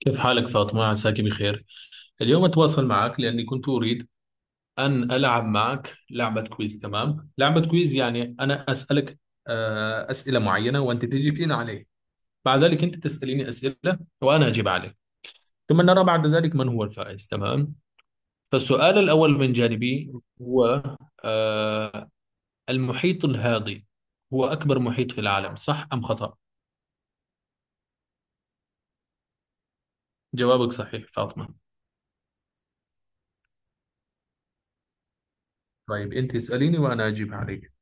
كيف حالك فاطمة؟ عساك بخير. اليوم أتواصل معك لأني كنت أريد أن ألعب معك لعبة كويز، تمام؟ لعبة كويز يعني أنا أسألك أسئلة معينة وأنت تجيبين عليه. بعد ذلك أنت تسأليني أسئلة وأنا أجيب عليك. ثم نرى بعد ذلك من هو الفائز، تمام؟ فالسؤال الأول من جانبي هو آه، المحيط الهادي هو أكبر محيط في العالم، صح أم خطأ؟ جوابك صحيح فاطمة. طيب أنت اسأليني وأنا أجيب عليك.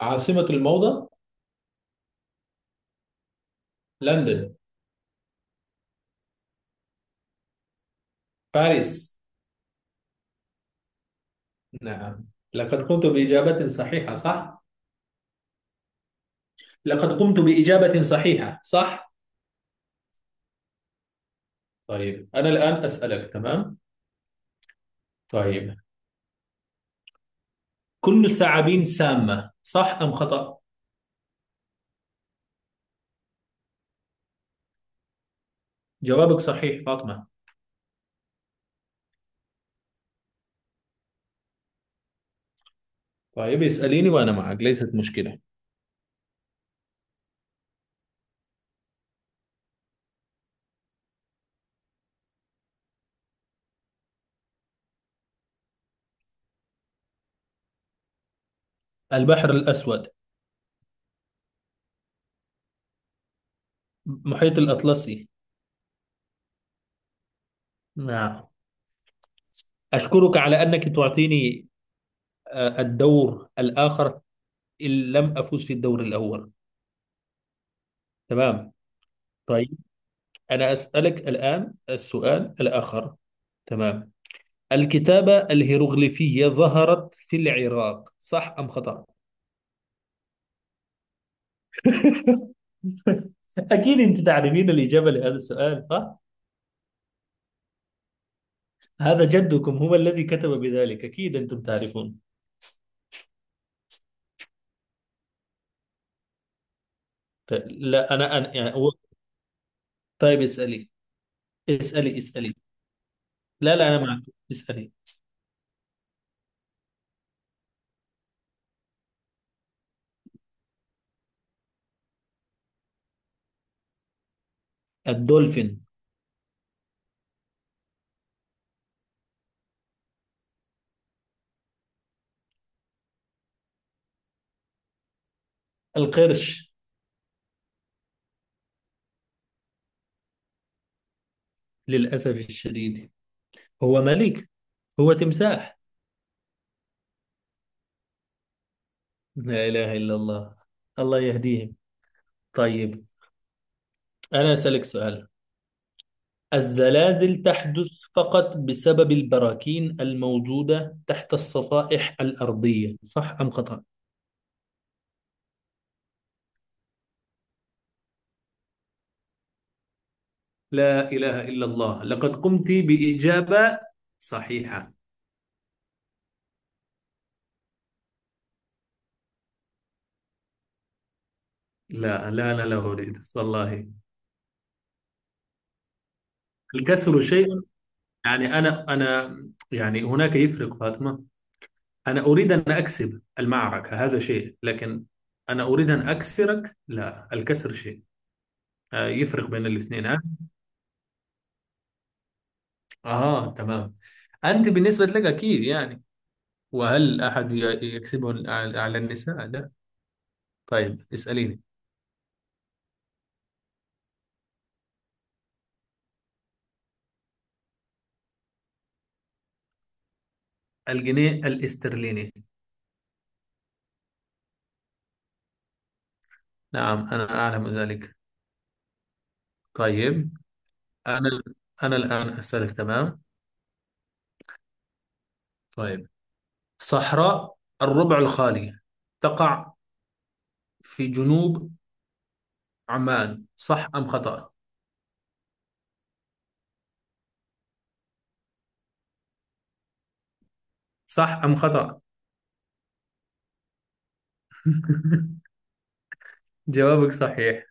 عاصمة الموضة لندن باريس. نعم، لقد قمت بإجابة صحيحة صح؟ لقد قمت بإجابة صحيحة صح؟ طيب أنا الآن أسألك، تمام؟ طيب، كل الثعابين سامة صح أم خطأ؟ جوابك صحيح فاطمة. طيب اسأليني وأنا معك ليست مشكلة. البحر الأسود. محيط الأطلسي. نعم، أشكرك على أنك تعطيني الدور الآخر إن لم أفوز في الدور الأول، تمام. طيب أنا أسألك الآن السؤال الآخر، تمام. الكتابة الهيروغليفية ظهرت في العراق صح أم خطأ؟ أكيد أنت تعرفين الإجابة لهذا السؤال صح؟ هذا جدكم هو الذي كتب بذلك، أكيد أنتم تعرفون. لا، أنا يعني هو-. طيب اسألي. اسألي اسألي. لا لا، أنا معك. اسألي. الدولفين. القرش. للأسف الشديد، هو ملك، هو تمساح. لا إله إلا الله، الله يهديهم. طيب أنا أسألك سؤال. الزلازل تحدث فقط بسبب البراكين الموجودة تحت الصفائح الأرضية صح أم خطأ؟ لا إله إلا الله، لقد قمت بإجابة صحيحة. لا لا، أنا لا أريد والله. الكسر شيء، يعني أنا يعني هناك يفرق فاطمة. أنا أريد أن أكسب المعركة هذا شيء، لكن أنا أريد أن أكسرك لا، الكسر شيء يفرق بين الاثنين ها. آه تمام، أنت بالنسبة لك أكيد يعني. وهل أحد يكسبه على على النساء؟ لا. طيب اسأليني. الجنيه الاسترليني. نعم أنا أعلم ذلك. طيب، أنا أنا الآن أسألك تمام. طيب، صحراء الربع الخالي تقع في جنوب عمان، صح أم خطأ؟ صح أم خطأ؟ جوابك صحيح.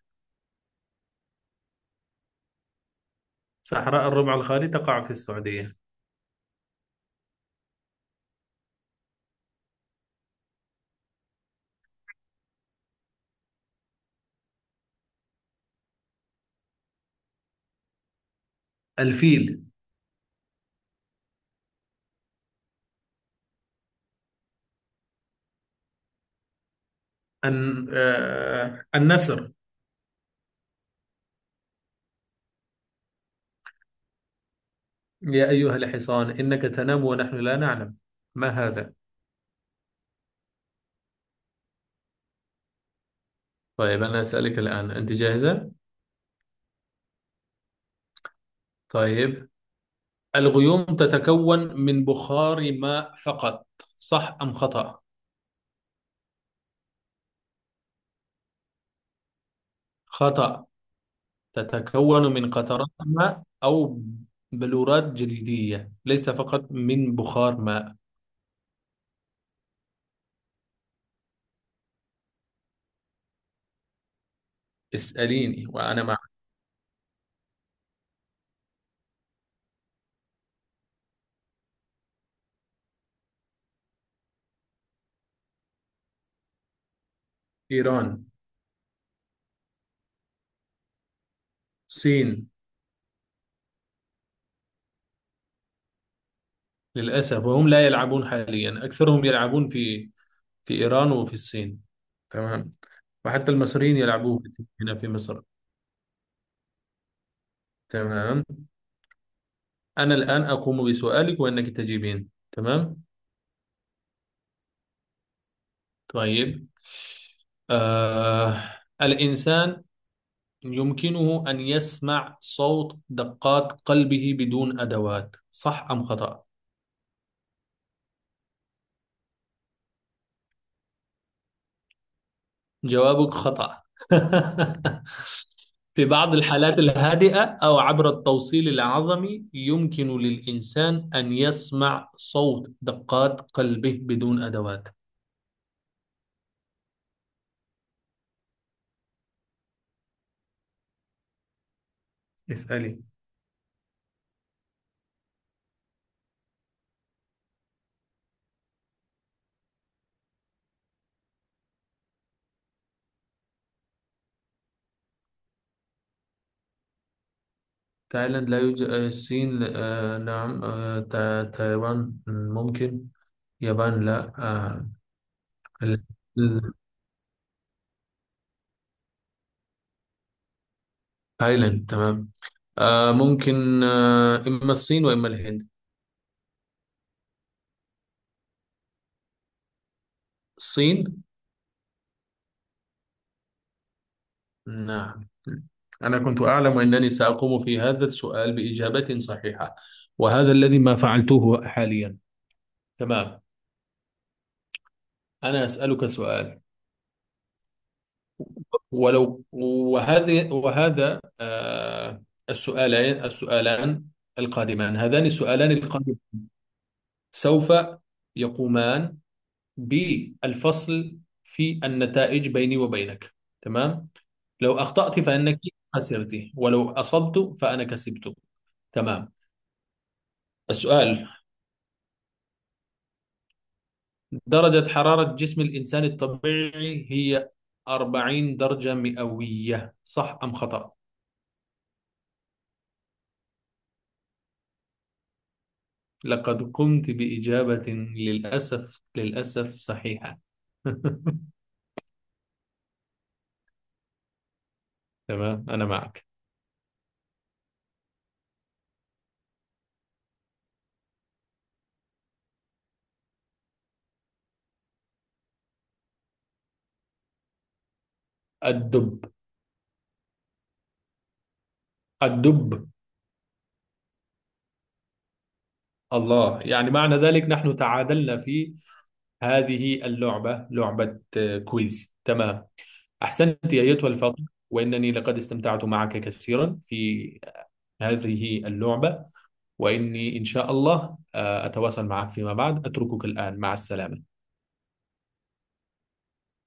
صحراء الربع الخالي تقع في السعودية. الفيل. النسر. يا أيها الحصان إنك تنام ونحن لا نعلم، ما هذا؟ طيب أنا أسألك الآن، أنت جاهزة؟ طيب، الغيوم تتكون من بخار ماء فقط، صح أم خطأ؟ خطأ. تتكون من قطرات ماء أو بلورات جليدية، ليس فقط من بخار ماء. اسأليني وأنا مع. إيران. الصين. للأسف، وهم لا يلعبون حاليا أكثرهم يلعبون في في إيران وفي الصين، تمام. وحتى المصريين يلعبون هنا في مصر، تمام. أنا الآن أقوم بسؤالك وإنك تجيبين، تمام. طيب، آه الإنسان يمكنه أن يسمع صوت دقات قلبه بدون أدوات صح أم خطأ. جوابك خطأ. في بعض الحالات الهادئة أو عبر التوصيل العظمي يمكن للإنسان أن يسمع صوت دقات قلبه بدون أدوات. اسألي. تايلاند لا يوجد، الصين، آه نعم، تايوان، ممكن يابان، لا، ال- ال- تايلاند، تمام. آه ممكن، آه إما الصين وإما الهند. الصين. نعم، أنا كنت أعلم أنني سأقوم في هذا السؤال بإجابة صحيحة، وهذا الذي ما فعلته حاليا، تمام. أنا أسألك سؤال. ولو وهذه وهذا السؤالان القادمان، هذان السؤالان سوف يقومان بالفصل في النتائج بيني وبينك، تمام. لو أخطأت فإنك خسرت، ولو أصبت فأنا كسبت، تمام. السؤال، درجة حرارة جسم الإنسان الطبيعي هي 40 درجة مئوية، صح أم خطأ؟ لقد قمت بإجابة، للأسف للأسف، صحيحة. تمام أنا معك. الدب. الدب. الله، يعني معنى ذلك نحن تعادلنا في هذه اللعبة، لعبة كويز، تمام. أحسنت يا أيتها الفاضل، وإنني لقد استمتعت معك كثيرا في هذه اللعبة، وإني إن شاء الله أتواصل معك فيما بعد. أتركك الآن، مع السلامة.